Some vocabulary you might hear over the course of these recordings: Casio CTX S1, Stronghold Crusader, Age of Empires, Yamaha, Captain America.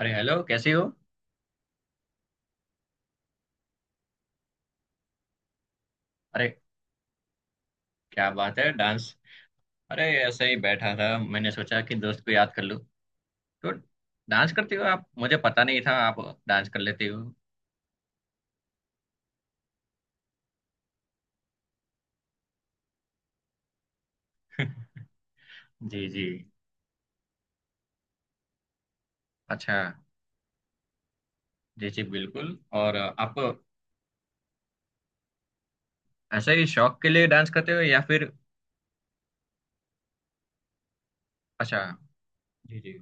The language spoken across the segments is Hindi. अरे हेलो, कैसी हो। अरे क्या बात है, डांस। अरे ऐसे ही बैठा था, मैंने सोचा कि दोस्त को याद कर लूं तो। डांस करती हो आप? मुझे पता नहीं था आप डांस कर लेती हो। जी जी। अच्छा। जी जी बिल्कुल। और आप? ऐसे ही शौक के लिए डांस करते हो या फिर? अच्छा। जी जी।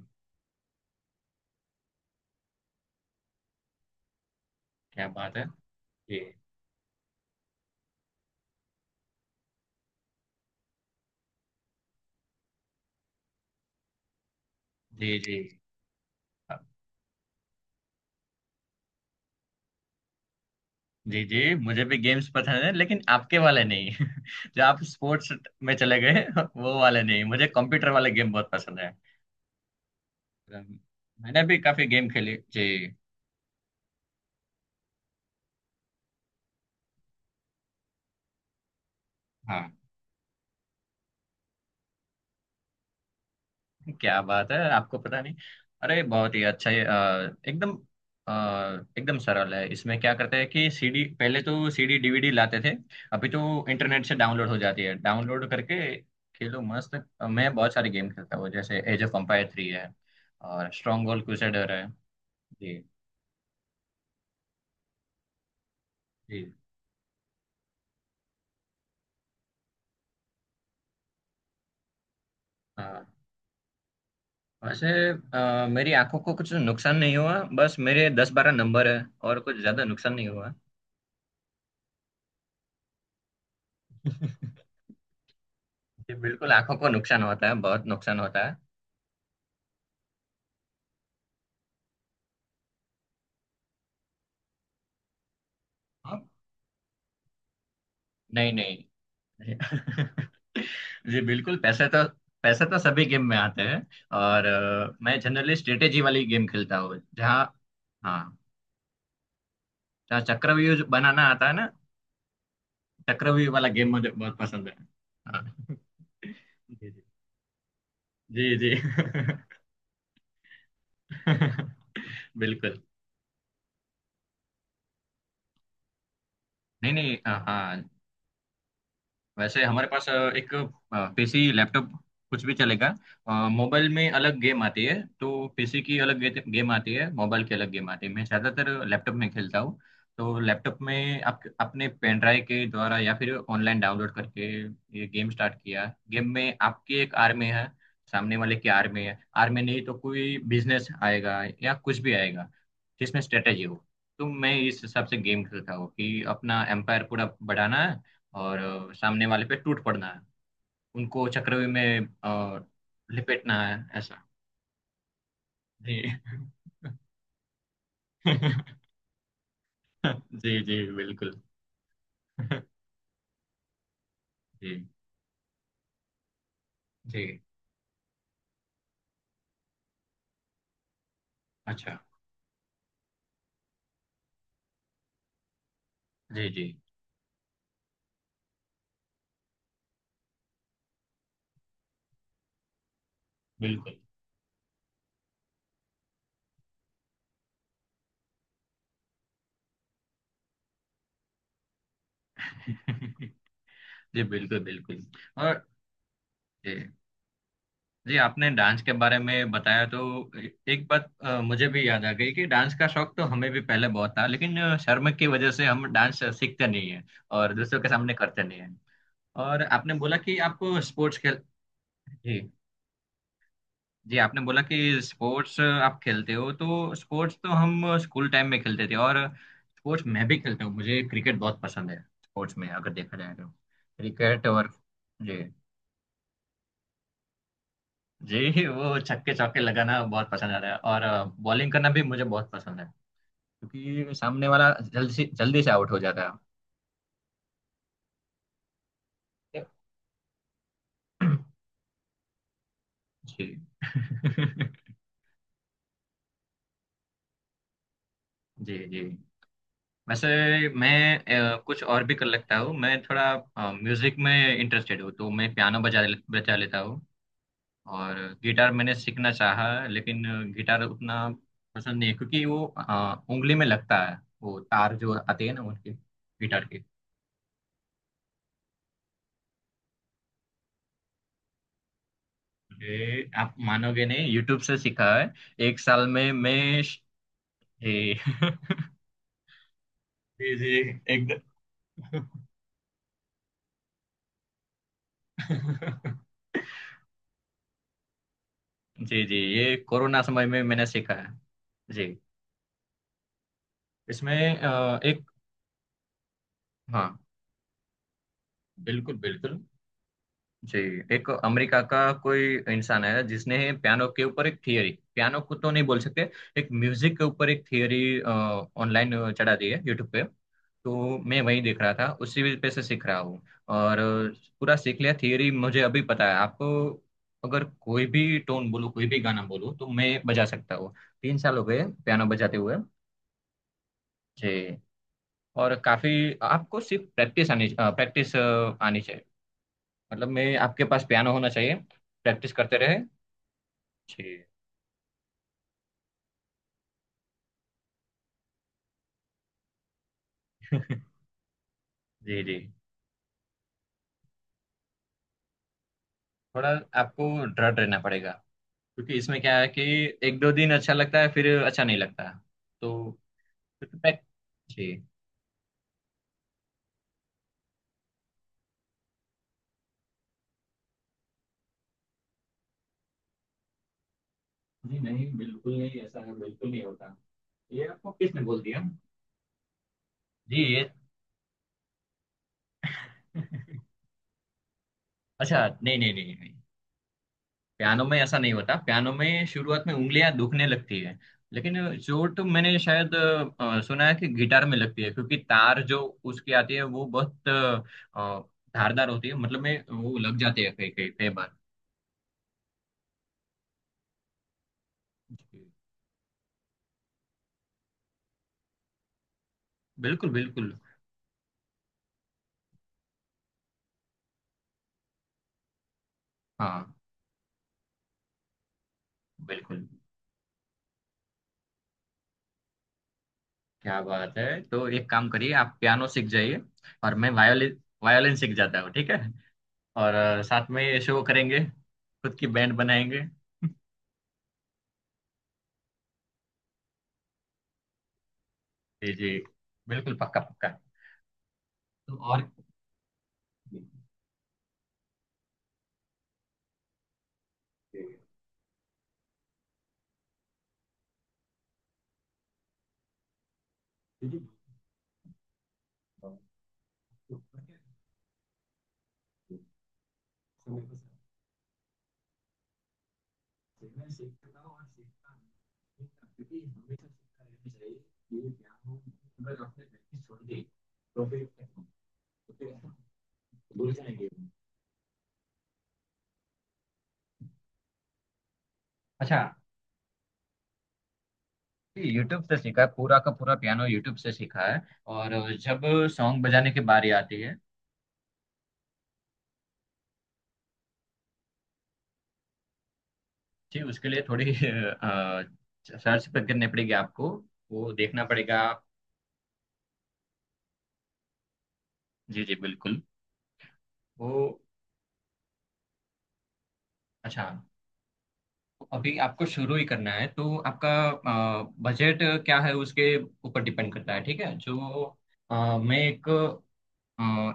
क्या बात है। जी जी जी। जी जी, मुझे भी गेम्स पसंद है, लेकिन आपके वाले नहीं। जो आप स्पोर्ट्स में चले गए वो वाले नहीं। मुझे कंप्यूटर वाले गेम बहुत पसंद है। मैंने भी काफी गेम खेले जी। हाँ। क्या बात है, आपको पता नहीं? अरे बहुत ही अच्छा है, एकदम अ, एकदम सरल है। इसमें क्या करते हैं कि सीडी पहले तो सीडी डीवीडी लाते थे। अभी तो इंटरनेट से डाउनलोड हो जाती है, डाउनलोड करके खेलो मस्त। मैं बहुत सारे गेम खेलता हूँ, जैसे एज ऑफ एम्पायर 3 है और स्ट्रॉन्ग होल्ड क्रूसेडर है। जी जी। हाँ। वैसे मेरी आंखों को कुछ नुकसान नहीं हुआ, बस मेरे 10 12 नंबर है और कुछ ज्यादा नुकसान नहीं हुआ। जी बिल्कुल, आंखों को नुकसान होता है, बहुत नुकसान होता है। हाँ। नहीं नहीं, नहीं। जी बिल्कुल, पैसे तो सभी गेम में आते हैं। और मैं जनरली स्ट्रेटेजी वाली गेम खेलता हूँ, जहाँ। हाँ। जहाँ चक्रव्यूह जो बनाना आता है ना। चक्रव्यूह वाला गेम मुझे बहुत पसंद है। हाँ। जी जी जी। जी। बिल्कुल। नहीं नहीं, हाँ हाँ। वैसे हमारे पास एक पीसी, लैपटॉप, कुछ भी चलेगा। मोबाइल में अलग गेम आती है। तो पीसी की अलग गेम आती है, मोबाइल की अलग गेम आती है। मैं ज़्यादातर लैपटॉप में खेलता हूँ। तो लैपटॉप में आप अपने पेन ड्राइव के द्वारा या फिर ऑनलाइन डाउनलोड करके ये गेम स्टार्ट किया। गेम में आपकी एक आर में है, सामने वाले की आर में है, आर में नहीं तो कोई बिजनेस आएगा या कुछ भी आएगा जिसमें स्ट्रेटेजी हो। तो मैं इस हिसाब से गेम खेलता हूँ कि अपना एम्पायर पूरा बढ़ाना है। और सामने वाले पे टूट पड़ना है। उनको चक्रव्यूह में लिपेटना है ऐसा। जी। जी जी बिल्कुल। जी जी। अच्छा। जी जी बिल्कुल। जी बिल्कुल बिल्कुल। और। जी जी, आपने डांस के बारे में बताया तो। एक बात, मुझे भी याद आ गई कि डांस का शौक तो हमें भी पहले बहुत था, लेकिन शर्म की वजह से हम डांस सीखते नहीं है। और दूसरों के सामने करते नहीं है। और आपने बोला कि आप स्पोर्ट्स खेल। जी जी, आपने बोला कि स्पोर्ट्स आप खेलते हो। तो स्पोर्ट्स तो हम स्कूल टाइम में खेलते थे, और स्पोर्ट्स मैं भी खेलता हूँ। मुझे क्रिकेट बहुत पसंद है। स्पोर्ट्स में अगर देखा जाए तो क्रिकेट, और। जी जी, वो छक्के चौके लगाना बहुत पसंद आता है, और बॉलिंग करना भी मुझे बहुत पसंद है। क्योंकि सामने वाला जल्दी से आउट हो जाता है। जी। जी जी। वैसे मैं कुछ और भी कर लेता हूँ। मैं थोड़ा म्यूजिक में इंटरेस्टेड हूँ, तो मैं पियानो बजा लेता हूँ। और गिटार मैंने सीखना चाहा, लेकिन गिटार उतना पसंद नहीं है, क्योंकि वो उंगली में लगता है वो तार जो आते हैं ना उनके गिटार के। ये आप मानोगे नहीं, यूट्यूब से सीखा है। 1 साल में मैं श-। ये- जी जी एकदम। जी जी, ये कोरोना समय में मैंने सीखा है। जी। इसमें एक। हाँ बिल्कुल बिल्कुल। जी। एक अमेरिका का कोई इंसान है जिसने पियानो के ऊपर एक थियरी, पियानो को तो नहीं बोल सकते, एक म्यूजिक के ऊपर एक थियरी ऑनलाइन चढ़ा दी है यूट्यूब पे। तो मैं वही देख रहा था, उसी पे से सीख रहा हूँ। और पूरा सीख लिया थियरी, मुझे अभी पता है। आपको अगर कोई भी टोन बोलो कोई भी गाना बोलो तो मैं बजा सकता हूँ। 3 साल हो गए पियानो बजाते हुए। जी। और काफी। आपको सिर्फ प्रैक्टिस आनी चाहिए। मतलब मैं, आपके पास पियानो होना चाहिए। प्रैक्टिस करते रहे। जी। जी जी। थोड़ा आपको दृढ़ रहना पड़ेगा। क्योंकि इसमें क्या है कि 1 2 दिन अच्छा लगता है, फिर अच्छा नहीं लगता। तो फिर तो प्रैक-। जी जी नहीं, बिल्कुल नहीं ऐसा है, बिल्कुल नहीं होता। ये आपको किसने बोल दिया? जी ये। अच्छा, नहीं नहीं नहीं नहीं। पियानो में ऐसा नहीं होता, पियानो में शुरुआत में उंगलियां दुखने लगती है। लेकिन चोट तो मैंने शायद सुना है कि गिटार में लगती है, क्योंकि तार जो उसकी आती है वो बहुत धारदार होती है, मतलब में वो लग जाते हैं कई कई कई बार। बिल्कुल बिल्कुल। हाँ। बिल्कुल। क्या बात है, तो एक काम करिए, आप पियानो सीख जाइए। और मैं वायोलिन वायोलिन सीख जाता हूँ, ठीक है। और साथ में शो करेंगे। खुद की बैंड बनाएंगे। जी जी बिल्कुल, पक्का पक्का। तो और। जी, जी। Did you? समय पर सेवा सीखता हूँ और सीखता हूँ। क्योंकि हमेशा सीखता रहना चाहिए, ये ज्ञान हो। अगर आपने प्रैक्टिस छोड़ दी तो फिर भूल जाएंगे। अच्छा। यूट्यूब से सीखा है, पूरा का पूरा पियानो यूट्यूब से सीखा है। और जब सॉन्ग बजाने की बारी आती है। जी, उसके लिए थोड़ी सर्च पर करनी पड़ेगी आपको, वो देखना पड़ेगा। जी जी बिल्कुल। वो अच्छा, अभी आपको शुरू ही करना है तो आपका बजट क्या है उसके ऊपर डिपेंड करता है, ठीक है जो मैं एक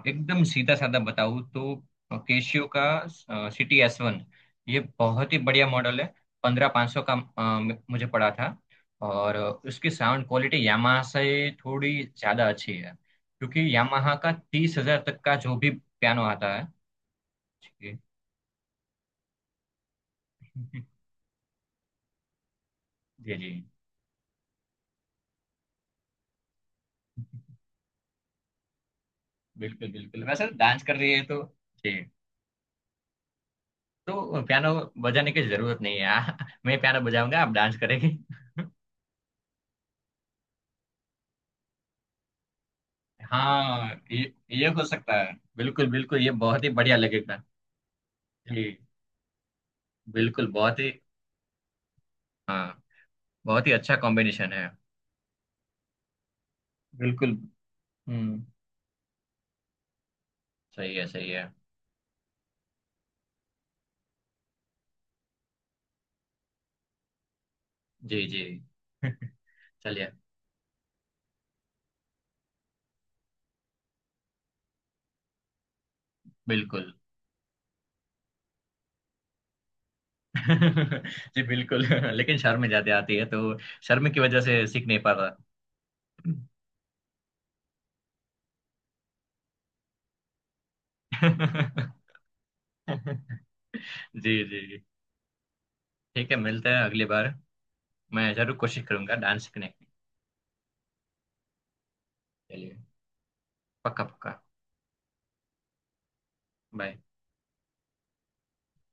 एकदम सीधा साधा बताऊँ तो, केशियो का सिटी S1 ये बहुत ही बढ़िया मॉडल है। 15,500 का मुझे पड़ा था। और उसकी साउंड क्वालिटी यामाहा से थोड़ी ज़्यादा अच्छी है। क्योंकि यामाहा का 30,000 तक का जो भी पियानो आता है। जी। जी जी। बिल्कुल बिल्कुल, वैसे डांस कर रही है तो ठीक। तो पियानो बजाने की जरूरत नहीं है, मैं पियानो बजाऊंगा, आप डांस करेंगे। हाँ, ये हो सकता है बिल्कुल बिल्कुल, ये बहुत ही बढ़िया लगेगा। जी बिल्कुल, बहुत ही। हाँ। बहुत ही अच्छा कॉम्बिनेशन है। बिल्कुल। हम्म। सही है, सही है। जी जी। चलिए। बिल्कुल। जी बिल्कुल, लेकिन शर्म ज्यादा आती है, तो शर्म की वजह से सीख नहीं पाता। जी जी, ठीक है, मिलते हैं अगली बार। मैं जरूर कोशिश करूंगा डांस सीखने की। चलिए, पक्का पक्का, बाय।